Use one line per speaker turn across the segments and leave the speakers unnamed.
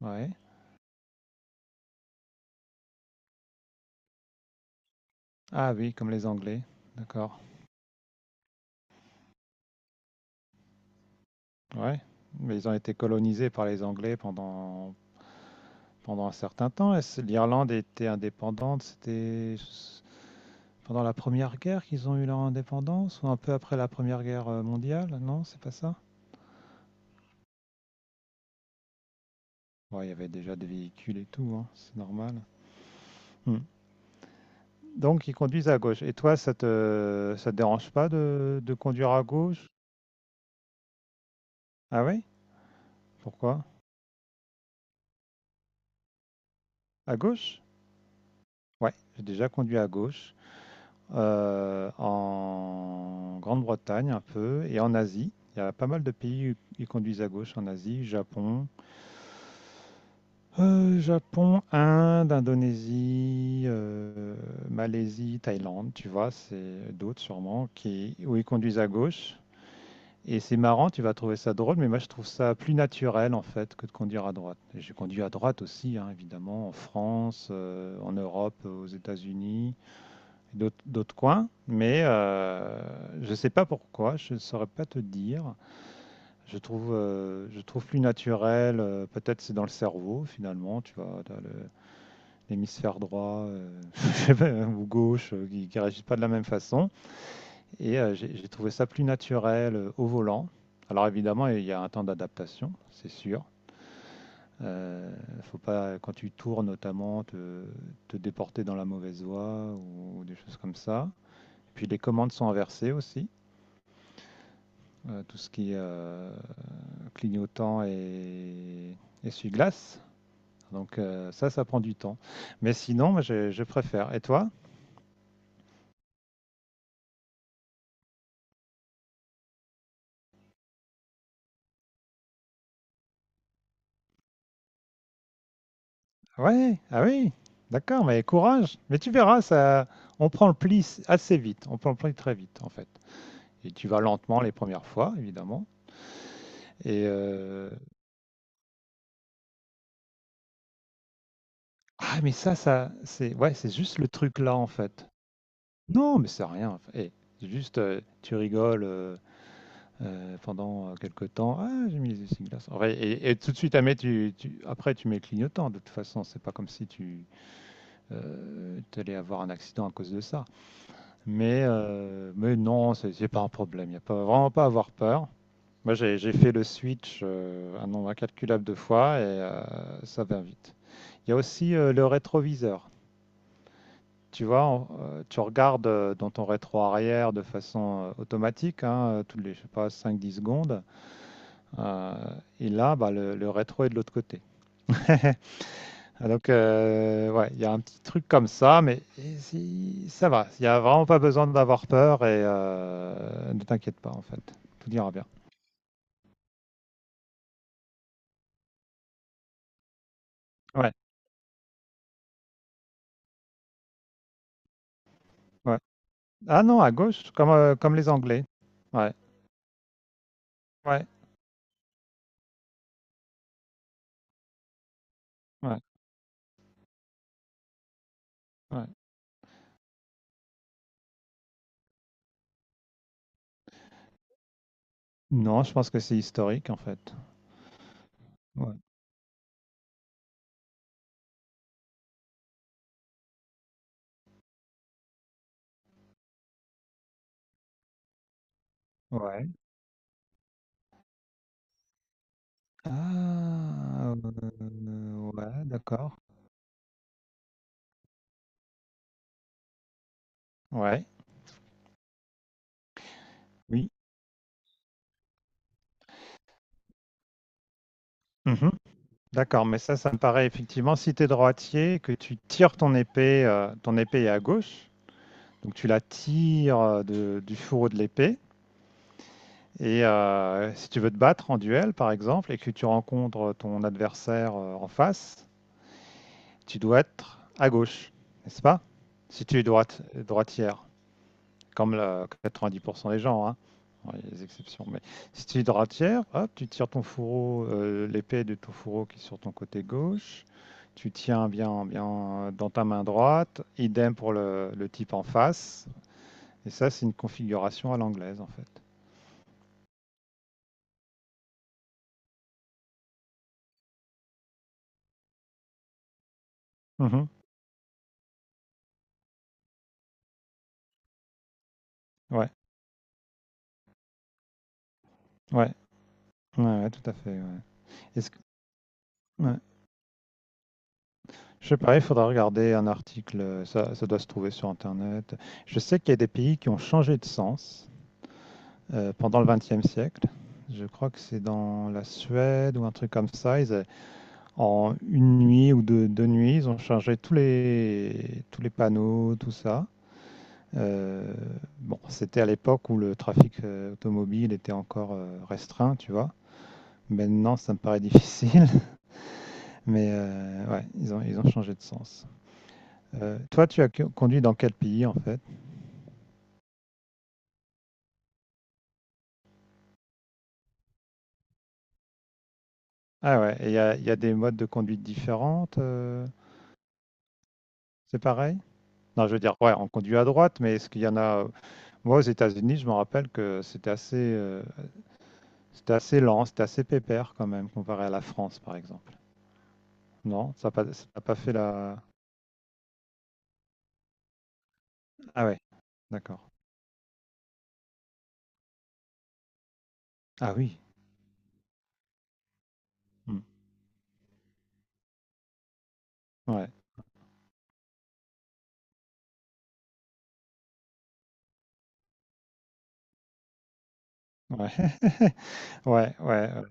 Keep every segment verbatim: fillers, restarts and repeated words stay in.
Ouais. Ah oui, comme les Anglais. D'accord. Ouais. Mais ils ont été colonisés par les Anglais pendant, pendant un certain temps. Est-ce- L'Irlande était indépendante. C'était pendant la Première Guerre qu'ils ont eu leur indépendance, ou un peu après la Première Guerre euh, mondiale? Non, c'est pas ça? Ouais, il y avait déjà des véhicules et tout, hein, c'est normal. Hmm. Donc ils conduisent à gauche. Et toi, ça te, ça te dérange pas de, de conduire à gauche? Ah oui? Pourquoi? À gauche? Ouais, j'ai déjà conduit à gauche. euh, en Grande-Bretagne un peu et en Asie. Il y a pas mal de pays qui conduisent à gauche en Asie, Japon, euh, Japon, Inde, Indonésie, euh, Malaisie, Thaïlande, tu vois, c'est d'autres sûrement qui où ils conduisent à gauche. Et c'est marrant, tu vas trouver ça drôle, mais moi je trouve ça plus naturel en fait que de conduire à droite. Et j'ai conduit à droite aussi, hein, évidemment, en France, euh, en Europe, aux États-Unis d'autres d'autres coins, mais euh, je ne sais pas pourquoi, je ne saurais pas te dire. Je trouve, euh, je trouve plus naturel, euh, peut-être c'est dans le cerveau finalement, tu vois, t'as le- l'hémisphère droit euh, je sais pas, ou gauche euh, qui ne réagissent pas de la même façon. Et euh, j'ai j'ai trouvé ça plus naturel euh, au volant. Alors évidemment, il y a un temps d'adaptation, c'est sûr. Euh, faut pas, quand tu tournes notamment, te, te déporter dans la mauvaise voie ou des choses comme ça. Puis les commandes sont inversées aussi. Euh, tout ce qui est euh, clignotant et essuie-glace. Donc euh, ça, ça prend du temps. Mais sinon, moi, je, je préfère. Et toi? Ouais, ah oui, d'accord, mais courage. Mais tu verras, ça, on prend le pli assez vite. On prend le pli très vite, en fait. Et tu vas lentement les premières fois, évidemment. Et euh, ah, mais ça, ça, c'est ouais, c'est juste le truc là, en fait. Non, mais c'est rien. Et juste, euh, tu rigoles. euh, euh, pendant quelques temps. Ah, j'ai mis les essuie-glaces. Ouais, et, et tout de suite, ah, mais tu, tu- après, tu mets le clignotant. De toute façon, c'est pas comme si tu euh, allais avoir un accident à cause de ça. Mais, euh, mais non, c'est c'est pas un problème. Il n'y a pas, vraiment pas à avoir peur. Moi, j'ai j'ai fait le switch euh, un nombre incalculable de fois et euh, ça va vite. Il y a aussi euh, le rétroviseur. Tu vois, en- euh, tu regardes euh, dans ton rétro arrière de façon euh, automatique, hein, euh, toutes les, je sais pas, cinq dix secondes. Euh, et là, bah, le, le rétro est de l'autre côté. Donc, euh, ouais, il y a un petit truc comme ça, mais et si- ça va. Il n'y a vraiment pas besoin d'avoir peur et euh, ne t'inquiète pas, en fait. Tout ira bien. Ouais, ouais. Ah non, à gauche, comme, euh, comme les Anglais. Ouais, ouais, ouais, ouais. Non, je pense que c'est historique, en fait. Ouais. Ouais. Ah, euh, ouais, d'accord. Ouais, oui. D'accord, mais ça, ça me paraît effectivement, si tu es droitier, que tu tires ton épée, euh, ton épée est à gauche, donc tu la tires euh, de- du fourreau de l'épée. Et euh, si tu veux te battre en duel, par exemple, et que tu rencontres ton adversaire euh, en face, tu dois être à gauche, n'est-ce pas? Si tu es droite, droitière. Comme le quatre-vingt-dix pour cent des gens, hein. Bon, il y a des exceptions. Mais si tu es droitière, hop, tu tires ton fourreau, euh, l'épée de ton fourreau qui est sur ton côté gauche. Tu tiens bien, bien dans ta main droite. Idem pour le, le type en face. Et ça, c'est une configuration à l'anglaise, en fait. Mhm. Ouais, ouais, ouais, ouais, tout à fait. Ouais. Est-ce que- ouais. Je sais pas, il faudra regarder un article. euh, Ça, ça, doit se trouver sur Internet. Je sais qu'il y a des pays qui ont changé de sens. euh, pendant le vingtième siècle. Je crois que c'est dans la Suède ou un truc comme ça. Ils, en une nuit ou deux, deux nuits, ils ont changé tous les, tous les panneaux, tout ça. Euh, bon, c'était à l'époque où le trafic euh, automobile était encore euh, restreint, tu vois. Maintenant, ça me paraît difficile, mais euh, ouais, ils ont, ils ont changé de sens. Euh, toi, tu as conduit dans quel pays en fait? Ah ouais, et il y a, il y a des modes de conduite différentes, euh, c'est pareil? Non, je veux dire, ouais, on conduit à droite, mais est-ce qu'il y en a... Moi, aux États-Unis, je me rappelle que c'était assez, euh, c'était assez lent, c'était assez pépère quand même, comparé à la France, par exemple. Non, ça n'a pas, ça n'a pas fait la... Ah ouais, d'accord. Ah oui. Hmm. Ouais, ouais. Ouais, ouais. Ouais.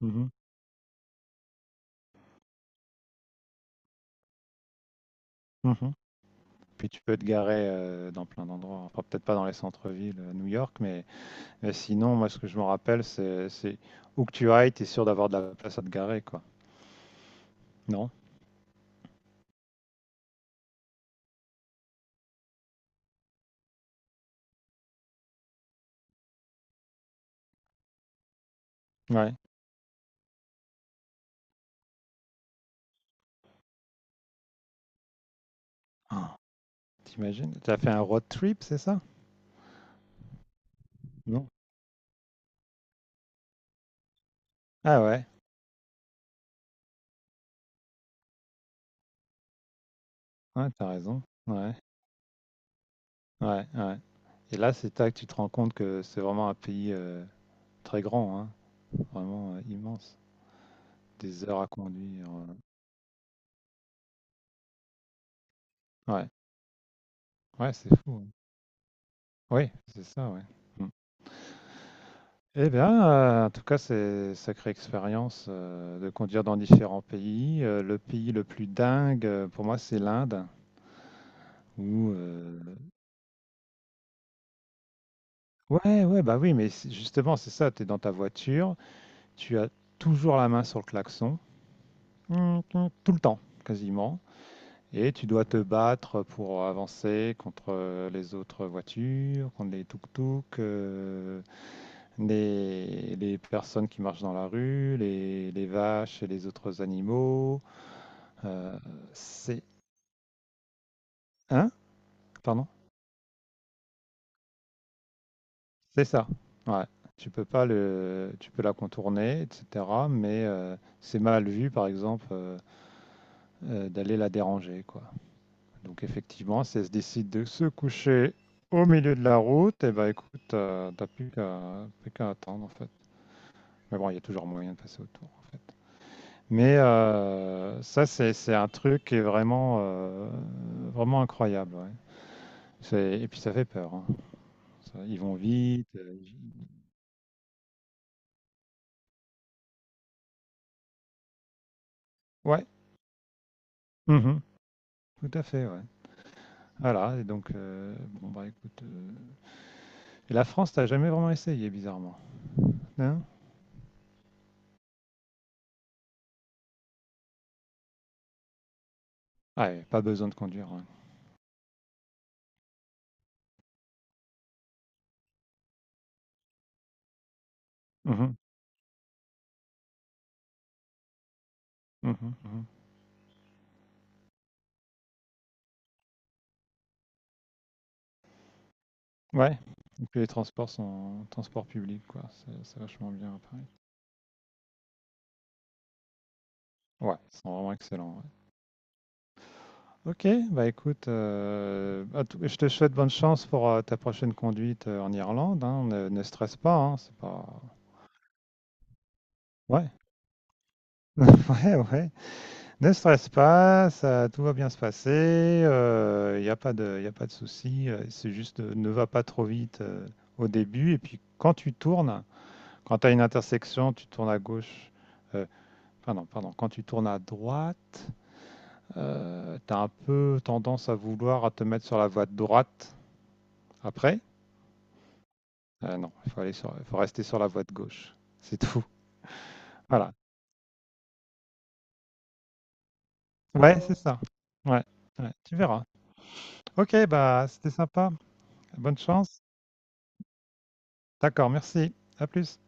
Mhm, mhm. Puis tu peux te garer euh, dans plein d'endroits. Enfin, peut-être pas dans les centres-villes à New York, mais, mais sinon, moi, ce que je me rappelle, c'est, c'est où que tu ailles, tu es sûr d'avoir de la place à te garer, quoi. Non? Ouais. T'imagines? T'as fait un road trip, c'est ça? Non. Ah ouais, ouais, t'as raison. Ouais, ouais, ouais. Et là, c'est là que tu te rends compte que c'est vraiment un pays euh, très grand, hein, vraiment euh, immense. Des heures à conduire. euh. Ouais, ouais, c'est fou. Hein. Oui, c'est ça, ouais. Mm. Eh bien, euh, en tout cas, c'est sacrée expérience euh, de conduire dans différents pays. Euh, le pays le plus dingue, euh, pour moi, c'est l'Inde. Où, euh, Ouais, ouais, bah oui, mais c'est- justement, c'est ça, tu es dans ta voiture, tu as toujours la main sur le klaxon, tout le temps quasiment, et tu dois te battre pour avancer contre les autres voitures, contre les tuk-tuk, euh, les, les personnes qui marchent dans la rue, les, les vaches et les autres animaux. Euh, c'est... Hein? Pardon? C'est ça. Ouais. Tu peux pas le, tu peux la contourner, et cetera. Mais euh, c'est mal vu, par exemple, euh, euh, d'aller la déranger, quoi. Donc effectivement, si elle se décide de se coucher au milieu de la route, et ben écoute, euh, t'as plus qu'à plus qu'à attendre en fait. Mais bon, il y a toujours moyen de passer autour en fait. Mais euh, ça, c'est c'est un truc qui est vraiment, euh, vraiment incroyable. Ouais. C'est- Et puis ça fait peur. Hein. Ça- ils vont vite. euh, ouais, mhm, tout à fait. Ouais. Voilà, et donc, euh, bon, bah écoute. euh, et la France, t'as jamais vraiment essayé, bizarrement. Non? Ah, ouais, pas besoin de conduire. Ouais. Mhm, mhm, mhm. Ouais, et puis les transports sont transports publics, quoi. C'est c'est vachement bien à Paris. Ouais, ils sont vraiment excellents. Ouais. Ok, bah écoute, euh, à tout- je te souhaite bonne chance pour euh, ta prochaine conduite euh, en Irlande. Hein. Ne, ne stresse pas, hein, c'est pas. Ouais. Ouais, ouais. Ne stresse pas, ça, tout va bien se passer. Il n'y a pas de, y a pas de souci. euh, C'est juste, euh, ne va pas trop vite euh, au début. Et puis, quand tu tournes, quand tu as une intersection, tu tournes à gauche. euh, Pardon, pardon. Quand tu tournes à droite, euh, tu as un peu tendance à vouloir à te mettre sur la voie de droite après. Euh, non, il faut aller sur, faut rester sur la voie de gauche. C'est tout. Voilà. Ouais, c'est ça. Ouais, ouais, tu verras. Ok, bah c'était sympa. Bonne chance. D'accord, merci. À plus.